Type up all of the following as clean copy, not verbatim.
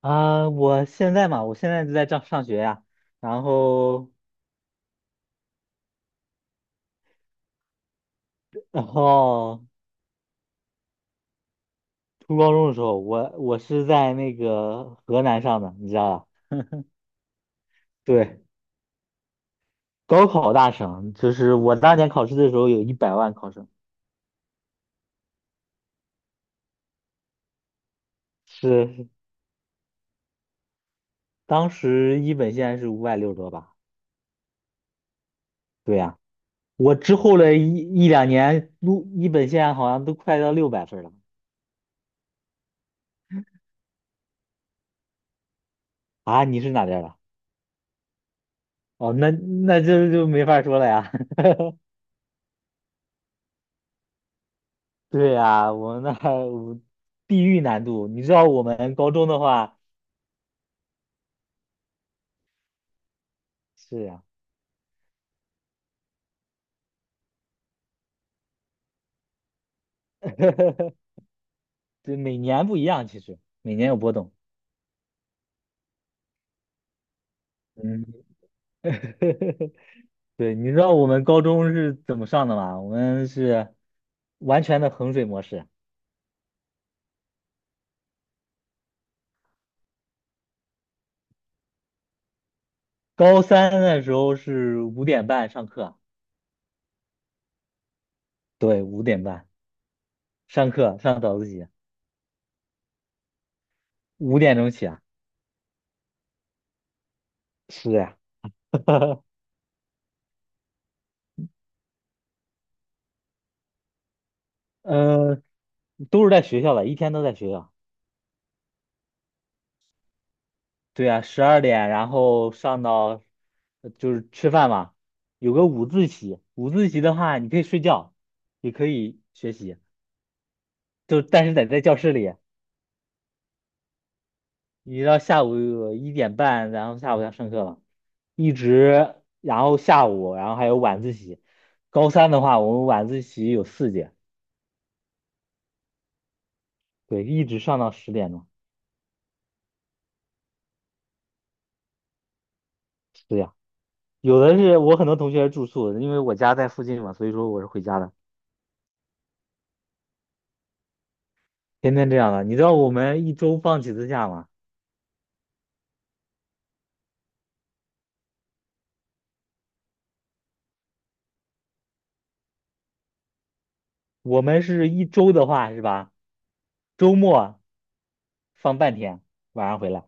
我现在嘛，我现在就在上学呀。然后，然后初高中的时候，我是在那个河南上的，你知道吧？对，高考大省，就是我当年考试的时候有100万考生。是，当时一本线是560多吧？对呀，我之后的一两年，录一本线好像都快到600分了。啊！你是哪边儿的？哦，那那这就没法说了呀。对呀，我们那，我地域难度，你知道我们高中的话，是呀。对，每年不一样，其实每年有波动。嗯。对，你知道我们高中是怎么上的吗？我们是完全的衡水模式。高三的时候是五点半上课。对，五点半上课，上早自习，5点钟起啊。是呀。嗯，都是在学校的，一天都在学校。对啊，十二点，然后上到就是吃饭嘛，有个午自习。午自习的话，你可以睡觉，也可以学习，就但是得在教室里。你到下午1:30，然后下午要上课了，一直然后下午，然后还有晚自习。高三的话，我们晚自习有4节。对，一直上到10点钟。对呀，有的是我很多同学是住宿，因为我家在附近嘛，所以说我是回家的。天天这样的。你知道我们一周放几次假吗？我们是一周的话是吧？周末放半天，晚上回来，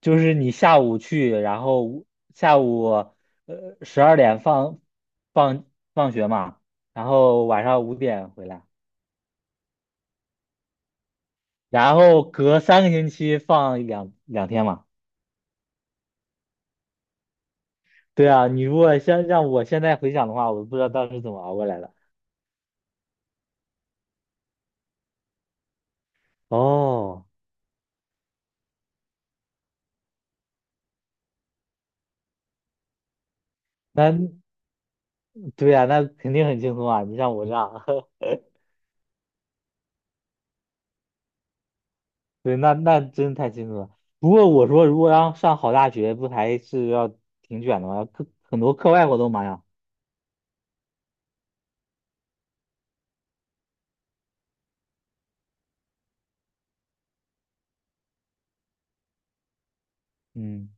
就是你下午去，然后下午十二点放放学嘛，然后晚上五点回来，然后隔3个星期放两天嘛。对啊，你如果现让我现在回想的话，我不知道当时怎么熬过来的。哦，那对呀，那肯定很轻松啊！你像我这样。对，那那真太清楚了。不过我说，如果要上好大学，不还是要挺卷的吗？课很多课外活动嘛呀。嗯，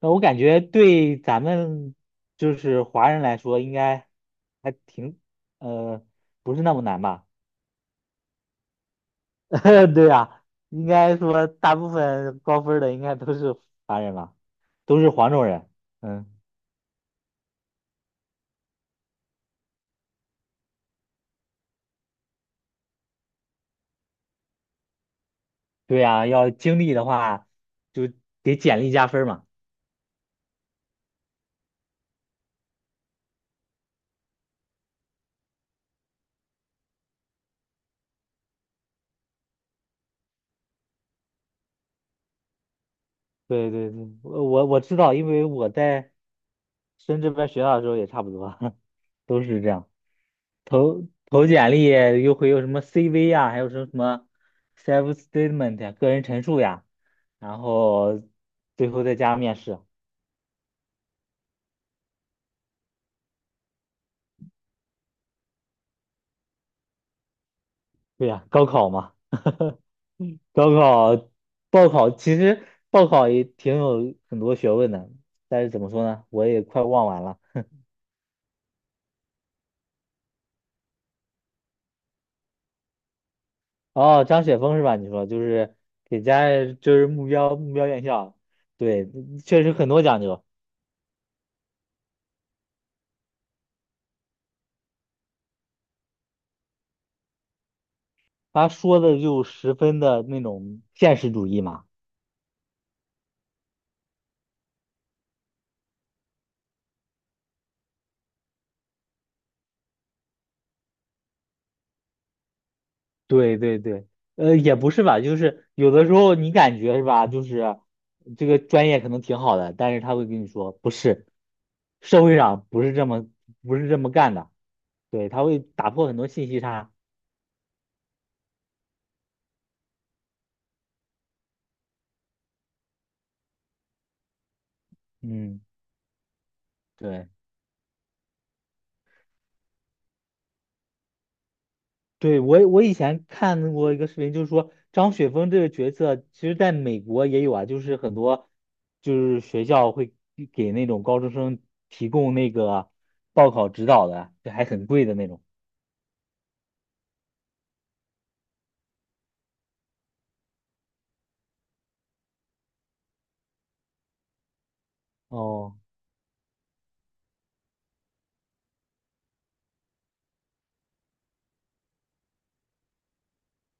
那我感觉对咱们就是华人来说，应该还挺呃，不是那么难吧？对呀，应该说大部分高分儿的应该都是华人吧，都是黄种人。嗯，对呀，要经历的话，就给简历加分儿嘛。对对对，我知道，因为我在深圳这边学校的时候也差不多。都是这样，投简历又会有什么 CV 呀，还有什么什么 self statement 呀，个人陈述呀，然后最后再加面试。对呀，高考嘛，高考报考其实报考也挺有很多学问的，但是怎么说呢，我也快忘完了。哦，张雪峰是吧？你说就是给家人就是目标院校，对，确实很多讲究。他说的就十分的那种现实主义嘛。对对对，也不是吧，就是有的时候你感觉是吧，就是这个专业可能挺好的，但是他会跟你说不是，社会上不是这么干的，对，他会打破很多信息差。嗯，对。对，我以前看过一个视频，就是说张雪峰这个角色，其实在美国也有啊，就是很多就是学校会给那种高中生提供那个报考指导的，就还很贵的那种。哦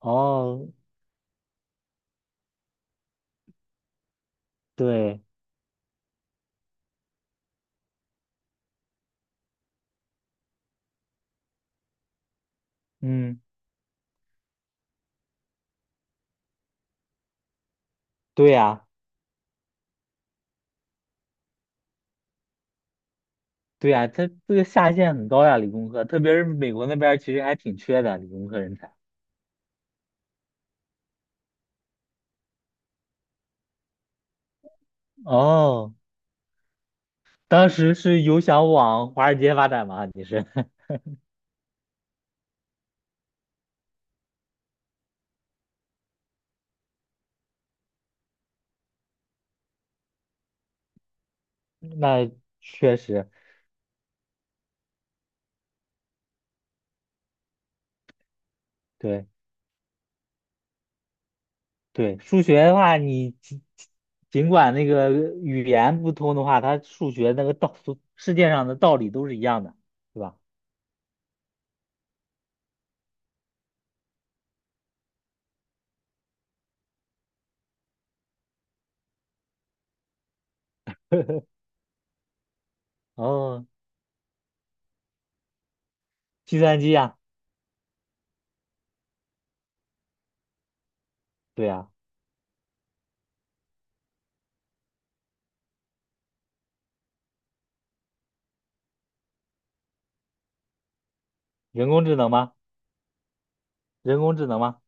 哦，对，嗯，对呀，对呀，他这个下限很高呀，理工科，特别是美国那边儿其实还挺缺的理工科人才。哦，当时是有想往华尔街发展吗？你是？那确实。对。对，数学的话，你尽管那个语言不通的话，它数学那个道，世界上的道理都是一样的，对吧？哦，计算机呀，对呀，人工智能吗？人工智能吗？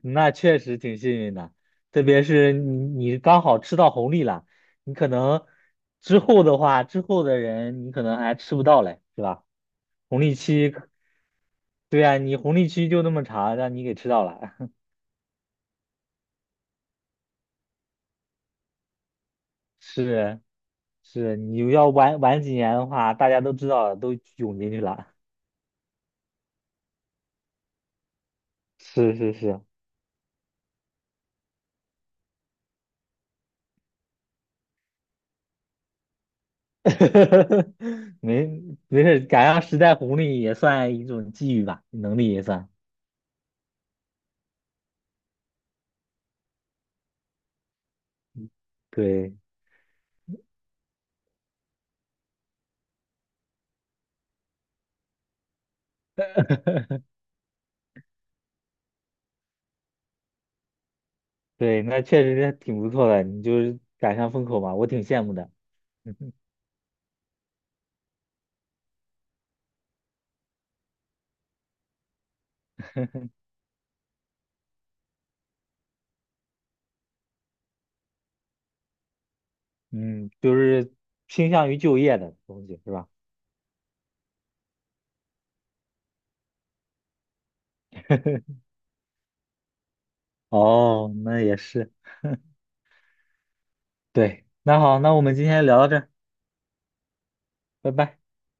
那确实挺幸运的，特别是你刚好吃到红利了，你可能之后的话，之后的人你可能还吃不到嘞，是吧？红利期，对呀，你红利期就那么长，让你给吃到了。是。是你要晚几年的话，大家都知道了都涌进去了。是是是。没没事，赶上时代红利也算一种机遇吧，能力也算。对对，那确实是挺不错的，你就是赶上风口嘛，我挺羡慕的。嗯，就是倾向于就业的东西是吧？哦，那也是。对，那好，那我们今天聊到这儿，拜拜。